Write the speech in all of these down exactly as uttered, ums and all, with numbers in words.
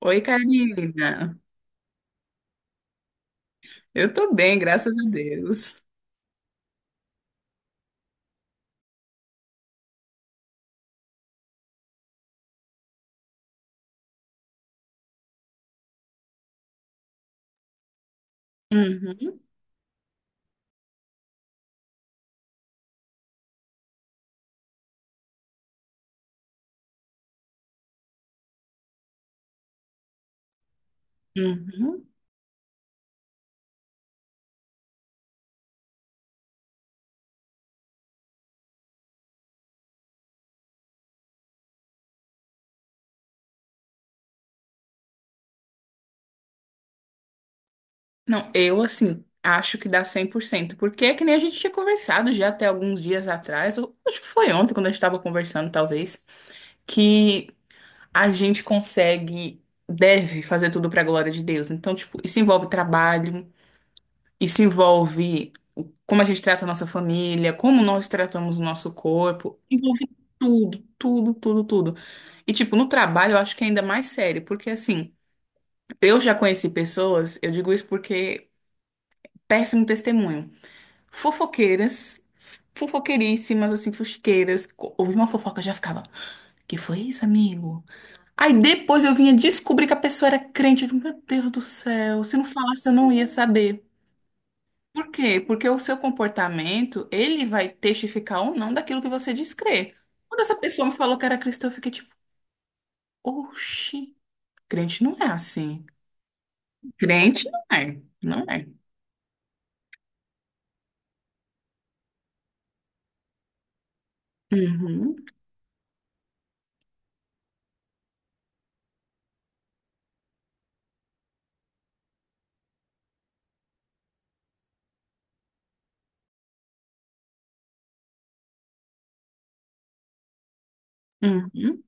Oi, Karina. Eu tô bem, graças a Deus. Uhum, uhum. Não, eu, assim, acho que dá cem por cento, porque é que nem a gente tinha conversado já até alguns dias atrás, ou acho que foi ontem, quando a gente estava conversando, talvez, que a gente consegue, deve fazer tudo para a glória de Deus. Então, tipo, isso envolve trabalho. Isso envolve o- como a gente trata a nossa família, como nós tratamos o nosso corpo, envolve tudo, tudo, tudo, tudo. E, tipo, no trabalho eu acho que é ainda mais sério, porque, assim, eu já conheci pessoas, eu digo isso porque péssimo testemunho, fofoqueiras, fofoqueiríssimas, assim, fuxiqueiras, co- ouvi uma fofoca já ficava, que foi isso, amigo? Aí depois eu vinha descobrir que a pessoa era crente, eu digo, meu Deus do céu, se não falasse eu não ia saber. Por quê? Porque o seu comportamento, ele vai testificar ou não daquilo que você diz crer. Quando essa pessoa me falou que era cristã, eu fiquei tipo, oxi, crente não é assim. Crente não é, não é. Uhum, uhum.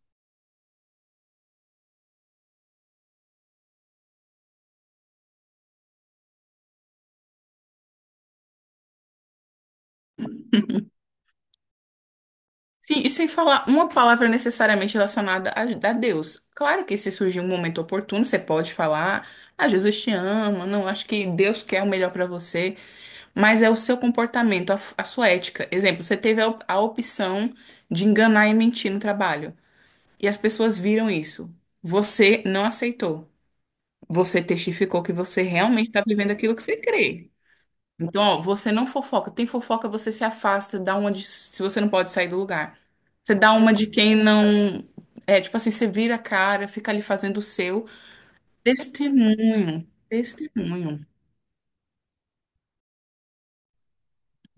Sim, e sem falar uma palavra necessariamente relacionada a, a Deus. Claro que se surgir um momento oportuno, você pode falar, ah, Jesus te ama, não, acho que Deus quer o melhor para você. Mas é o seu comportamento, a, a sua ética. Exemplo, você teve a, op- a opção de enganar e mentir no trabalho. E as pessoas viram isso. Você não aceitou. Você testificou que você realmente está vivendo aquilo que você crê. Então, ó, você não fofoca. Tem fofoca, você se afasta, dá uma de, se você não pode sair do lugar. Você dá uma de quem não. É, tipo assim, você vira a cara, fica ali fazendo o seu. Testemunho. Testemunho.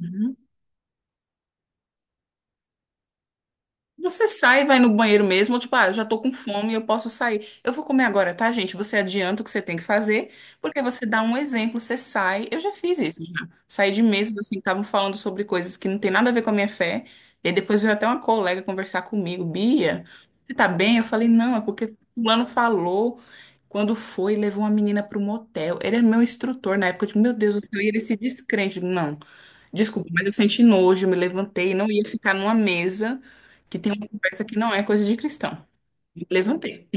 Uhum. Você sai, vai no banheiro mesmo, ou tipo, ah, eu já tô com fome, eu posso sair. Eu vou comer agora, tá, gente? Você adianta o que você tem que fazer, porque você dá um exemplo, você sai. Eu já fiz isso, já. Saí de mesas, assim, que estavam falando sobre coisas que não tem nada a ver com a minha fé. E aí depois veio até uma colega conversar comigo, Bia, você tá bem? Eu falei, não, é porque fulano falou. Quando foi, levou uma menina pro motel. Ele era meu instrutor na época, eu digo, meu Deus do céu, e ele se descrente. Eu digo, não. Desculpa, mas eu senti nojo, me levantei, não ia ficar numa mesa que tem uma conversa que não é coisa de cristão. Me levantei.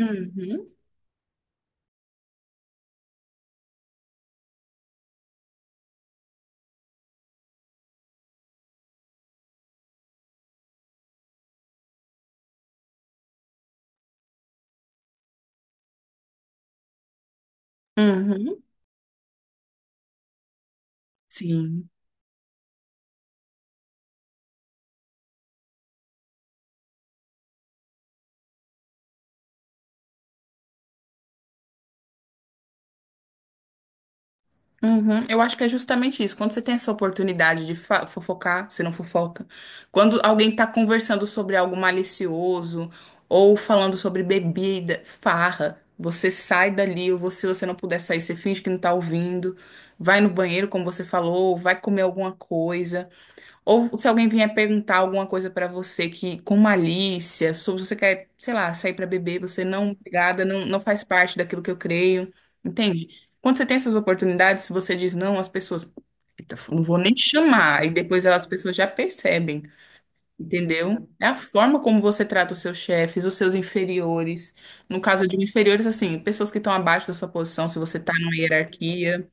Uhum, uhum, sim. Uhum. Eu acho que é justamente isso. Quando você tem essa oportunidade de fa- fofocar, você não fofoca. Quando alguém está conversando sobre algo malicioso ou falando sobre bebida, farra, você sai dali, ou você- se você não puder sair, você finge que não está ouvindo, vai no banheiro, como você falou, vai comer alguma coisa. Ou se alguém vier perguntar alguma coisa pra você que com malícia, se você quer, sei lá, sair pra beber, você não, é obrigada, não, não faz parte daquilo que eu creio, entende? Quando você tem essas oportunidades, se você diz não, as pessoas, "Eita, não vou nem chamar", e depois elas- as pessoas já percebem, entendeu? É a forma como você trata os seus chefes, os seus inferiores. No caso de inferiores, assim, pessoas que estão abaixo da sua posição, se você tá numa hierarquia.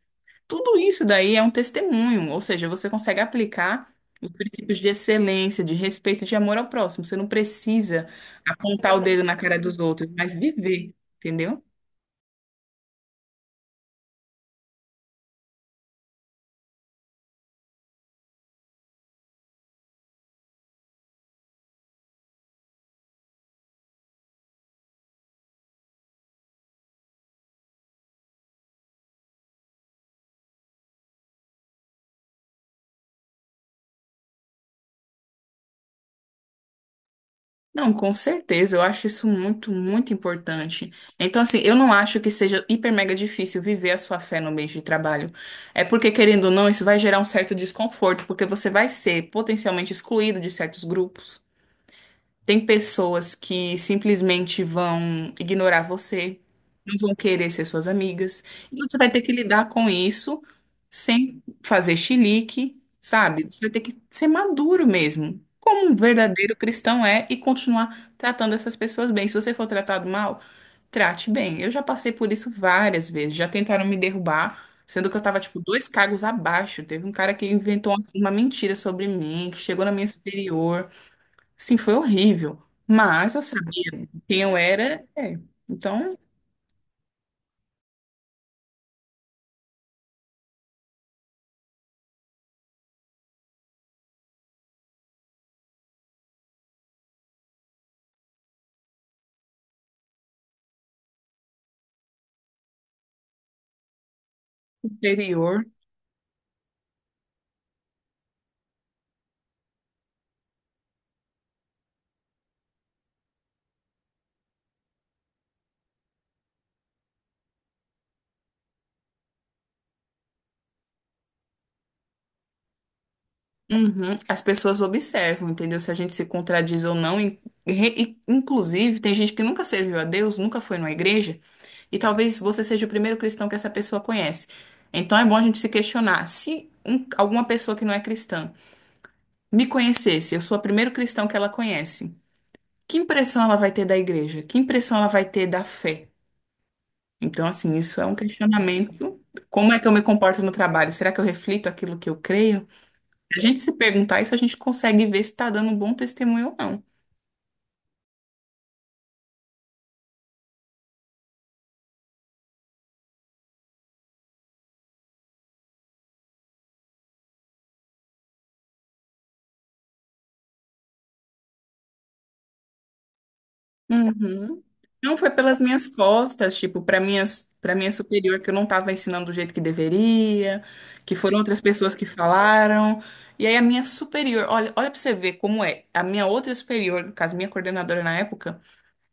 Tudo isso daí é um testemunho, ou seja, você consegue aplicar os princípios de excelência, de respeito e de amor ao próximo. Você não precisa apontar o dedo na cara dos outros, mas viver, entendeu? Não, com certeza, eu acho isso muito, muito importante. Então, assim, eu não acho que seja hiper mega difícil viver a sua fé no meio de trabalho. É porque, querendo ou não, isso vai gerar um certo desconforto, porque você vai ser potencialmente excluído de certos grupos. Tem pessoas que simplesmente vão ignorar você, não vão querer ser suas amigas. E você vai ter que lidar com isso sem fazer chilique, sabe? Você vai ter que ser maduro mesmo, como um verdadeiro cristão é, e continuar tratando essas pessoas bem. Se você for tratado mal, trate bem. Eu já passei por isso várias vezes. Já tentaram me derrubar, sendo que eu tava, tipo, dois cargos abaixo. Teve um cara que inventou uma uma mentira sobre mim, que chegou na minha superior. Sim, foi horrível. Mas eu sabia quem eu era. É. Então, interior. Uhum. As pessoas observam, entendeu? Se a gente se contradiz ou não. In- re- in- Inclusive, tem gente que nunca serviu a Deus, nunca foi numa igreja, e talvez você seja o primeiro cristão que essa pessoa conhece. Então, é bom a gente se questionar. Se um- alguma pessoa que não é cristã me conhecesse, eu sou o primeiro cristão que ela conhece, que impressão ela vai ter da igreja? Que impressão ela vai ter da fé? Então, assim, isso é um questionamento. Como é que eu me comporto no trabalho? Será que eu reflito aquilo que eu creio? Se a gente se perguntar isso, a gente consegue ver se está dando um bom testemunho ou não. Uhum. Não foi pelas minhas costas, tipo, para minha, para minha superior que eu não estava ensinando do jeito que deveria, que foram outras pessoas que falaram. E aí a minha superior, olha, olha para você ver como é. A minha outra superior, no caso, minha coordenadora na época,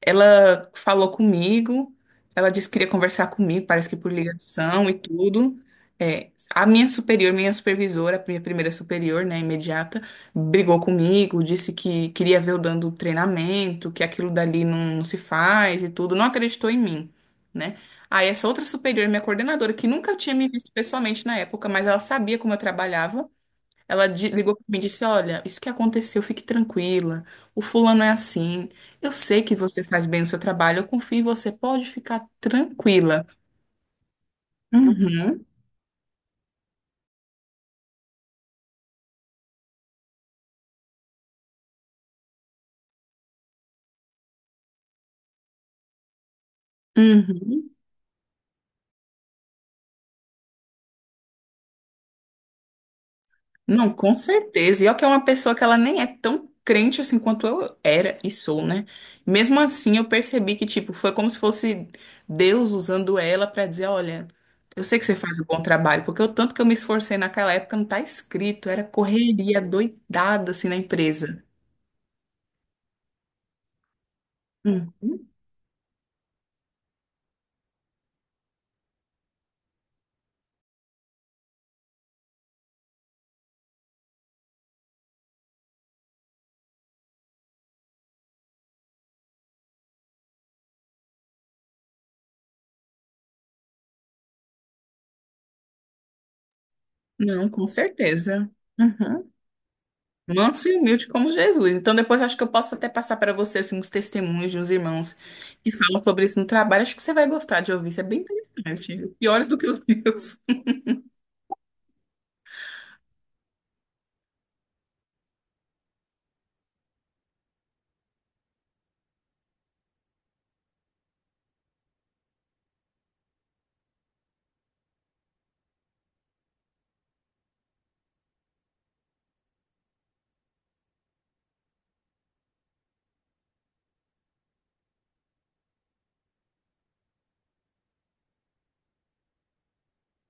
ela falou comigo, ela disse que queria conversar comigo, parece que por ligação e tudo. É, a minha superior, minha supervisora, a minha primeira superior, né, imediata, brigou comigo, disse que queria ver eu dando treinamento, que aquilo dali não, não se faz e tudo, não acreditou em mim, né? Aí essa outra superior, minha coordenadora, que nunca tinha me visto pessoalmente na época, mas ela sabia como eu trabalhava, ela di- ligou para mim e disse: Olha, isso que aconteceu, fique tranquila. O fulano é assim. Eu sei que você faz bem o seu trabalho, eu confio em você, pode ficar tranquila. Uhum, uhum. Não, com certeza. E olha que é uma pessoa que ela nem é tão crente assim quanto eu era e sou, né? Mesmo assim, eu percebi que, tipo, foi como se fosse Deus usando ela para dizer: Olha. Eu sei que você faz um bom trabalho, porque o tanto que eu me esforcei naquela época não tá escrito, era correria doidada assim na empresa. Hum. Não, com certeza. Uhum. Manso e humilde como Jesus. Então, depois acho que eu posso até passar para você assim, uns testemunhos de uns irmãos que falam sobre isso no trabalho. Acho que você vai gostar de ouvir. Isso é bem interessante. Piores do que os meus.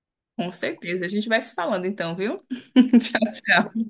Com certeza. A gente vai se falando então, viu? Tchau, tchau.